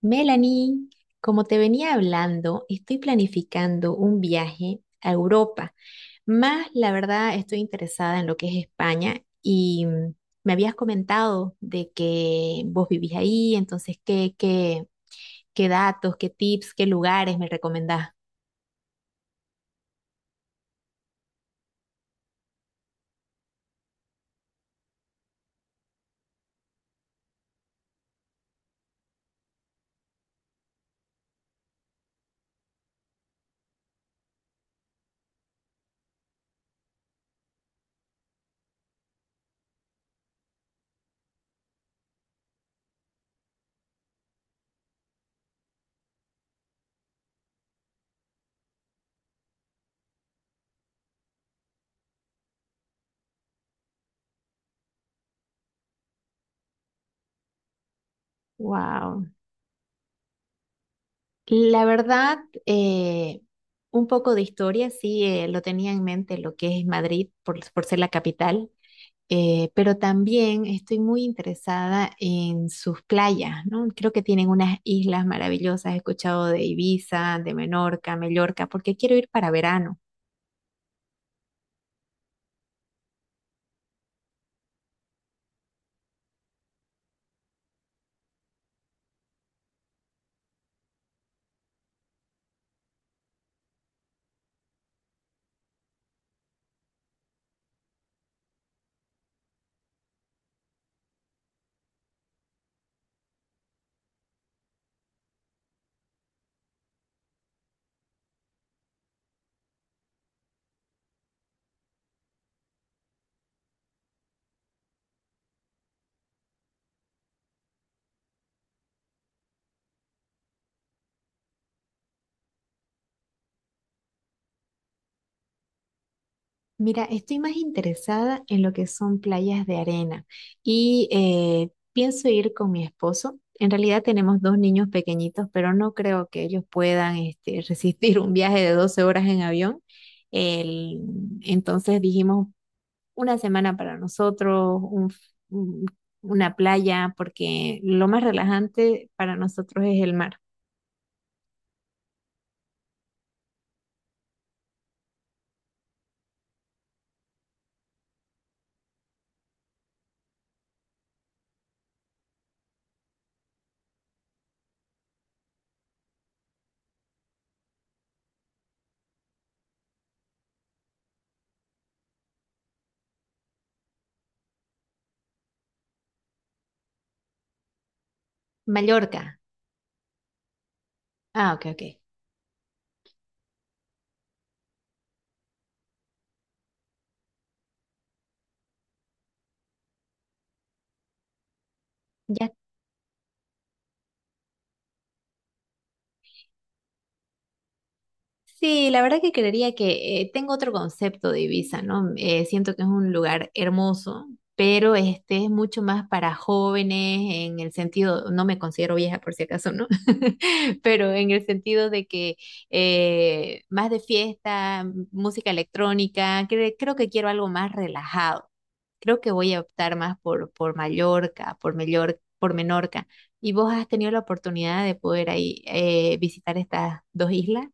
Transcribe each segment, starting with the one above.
Melanie, como te venía hablando, estoy planificando un viaje a Europa. Más, la verdad, estoy interesada en lo que es España y me habías comentado de que vos vivís ahí, entonces, ¿ qué datos, qué tips, qué lugares me recomendás? Wow. La verdad, eh, un poco de historia, sí, lo tenía en mente lo que es Madrid por ser la capital, pero también estoy muy interesada en sus playas, ¿no? Creo que tienen unas islas maravillosas. He escuchado de Ibiza, de Menorca, Mallorca, porque quiero ir para verano. Mira, estoy más interesada en lo que son playas de arena y pienso ir con mi esposo. En realidad tenemos dos niños pequeñitos, pero no creo que ellos puedan este, resistir un viaje de 12 horas en avión. El- entonces dijimos, una semana para nosotros, un- una playa, porque lo más relajante para nosotros es el mar. Mallorca. Ah, ok, ok. Ya. Sí, la verdad que creería que tengo otro concepto de Ibiza, ¿no? Mm, eh, siento que es un lugar hermoso, pero este es mucho más para jóvenes en el sentido, no me considero vieja por si acaso, ¿no? Pero en el sentido de que más de fiesta, música electrónica, creo que quiero algo más relajado. Creo que voy a optar más por Mallorca, por Menorca. ¿Vos has tenido la oportunidad de poder ahí visitar estas dos islas?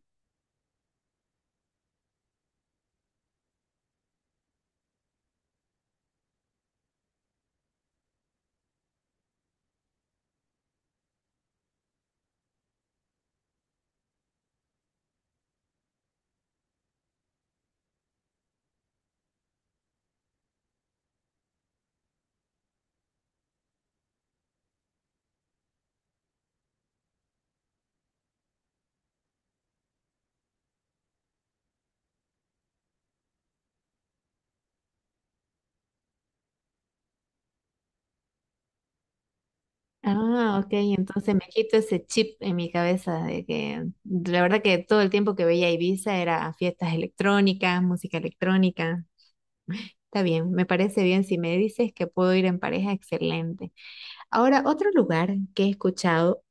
Ah, ok, entonces me quito ese chip en mi cabeza de que la verdad que todo el tiempo que veía Ibiza era fiestas electrónicas, música electrónica. Está bien, me parece bien. Si me dices que puedo ir en pareja, excelente. Ahora, otro lugar que he escuchado,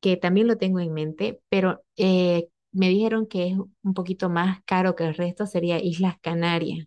que también lo tengo en mente, pero me dijeron que es un poquito más caro que el resto, sería Islas Canarias.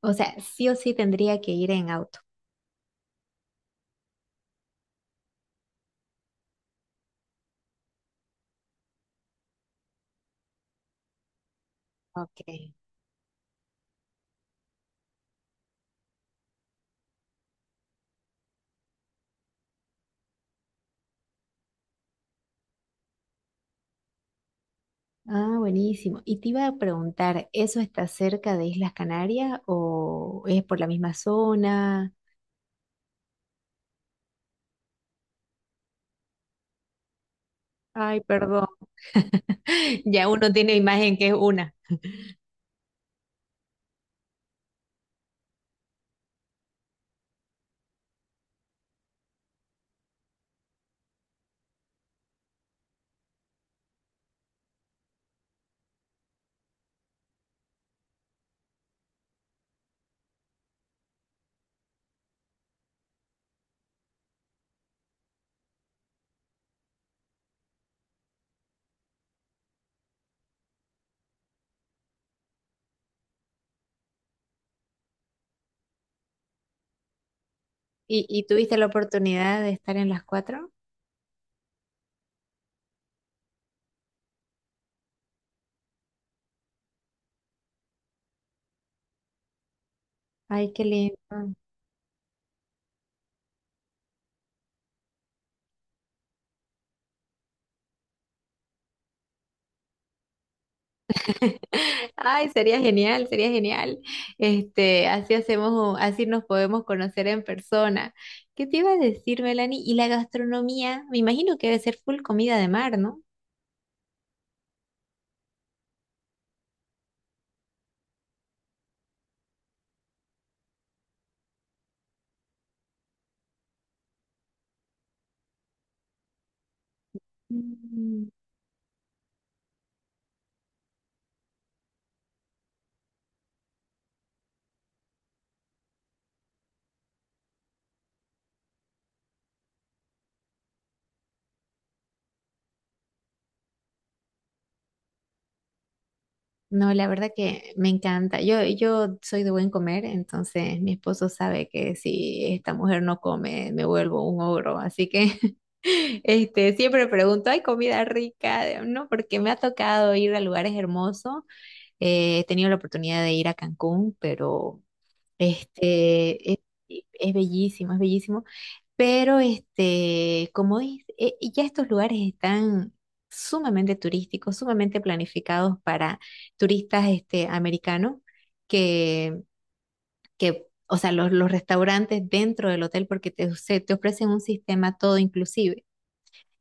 O sea, sí o sí tendría que ir en auto. Ok. Ah, buenísimo. Y te iba a preguntar, ¿eso está cerca de Islas Canarias o es por la misma zona? Ay, perdón. Ya uno tiene imagen que es una. ¿Y tuviste la oportunidad de estar en las cuatro? Ay, qué lindo. Ay, sería genial, sería genial. Este, así hacemos, así nos podemos conocer en persona. ¿Qué te iba a decir, Melanie? Y la gastronomía, me imagino que debe ser full comida de mar, ¿no? No, la verdad que me encanta. Yo soy de buen comer, entonces mi esposo sabe que si esta mujer no come, me vuelvo un ogro. Así que este, siempre pregunto, ¿hay comida rica? No, porque me ha tocado ir a lugares hermosos. He tenido la oportunidad de ir a Cancún, pero este, es bellísimo, es bellísimo. Pero este, como es, y ya estos lugares están sumamente turísticos, sumamente planificados para turistas este, americanos, que, que, o sea, los restaurantes dentro del hotel, porque te ofrecen un sistema todo inclusive.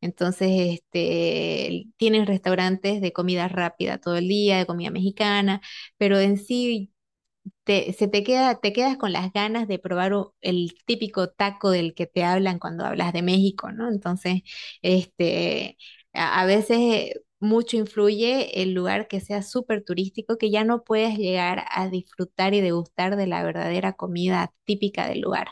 Entonces, este, tienen restaurantes de comida rápida todo el día, de comida mexicana, pero en sí te quedas con las ganas de probar el típico taco del que te hablan cuando hablas de México, ¿no? Entonces, este, a veces mucho influye el lugar que sea súper turístico, que ya no puedes llegar a disfrutar y degustar de la verdadera comida típica del lugar.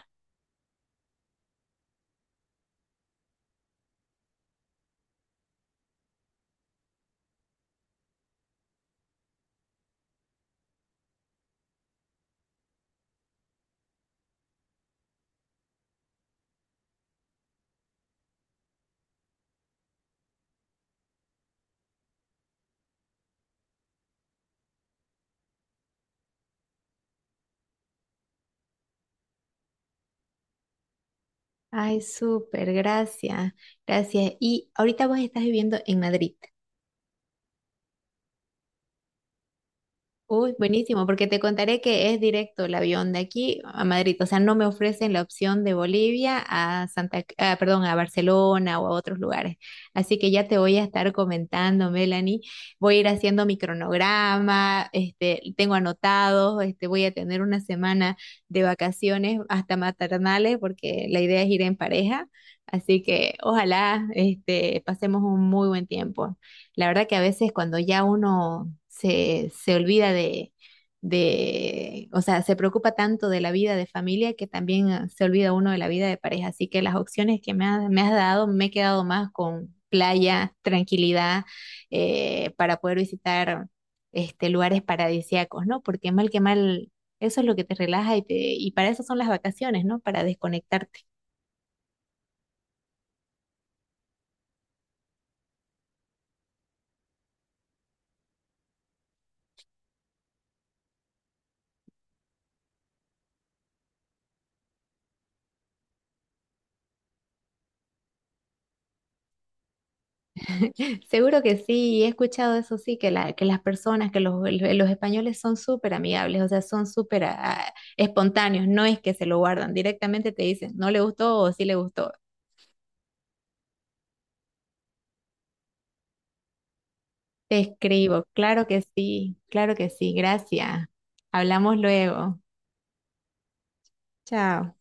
Ay, súper, gracias, gracias. Y ahorita vos estás viviendo en Madrid. Uy, buenísimo, porque te contaré que es directo el avión de aquí a Madrid, o sea, no me ofrecen la opción de Bolivia a Santa, ah, perdón, a Barcelona o a otros lugares. Así que ya te voy a estar comentando, Melanie. Voy a ir haciendo mi cronograma, este, tengo anotados, este, voy a tener una semana de vacaciones hasta maternales, porque la idea es ir en pareja. Así que ojalá, este, pasemos un muy buen tiempo. La verdad que a veces cuando ya uno se olvida de, o sea, se preocupa tanto de la vida de familia que también ah, se olvida uno de la vida de pareja. Así que las opciones que me has dado, me he quedado más con playa, tranquilidad, para poder visitar este, lugares paradisíacos, ¿no? Porque mal que mal, eso es lo que te relaja y y para eso son las vacaciones, ¿no? Para desconectarte. Seguro que sí, he escuchado eso sí, que las personas, que los españoles son súper amigables, o sea, son súper ah, espontáneos, no es que se lo guardan, directamente te dicen, no le gustó o sí le gustó. Te escribo, claro que sí, gracias. Hablamos luego. Chao.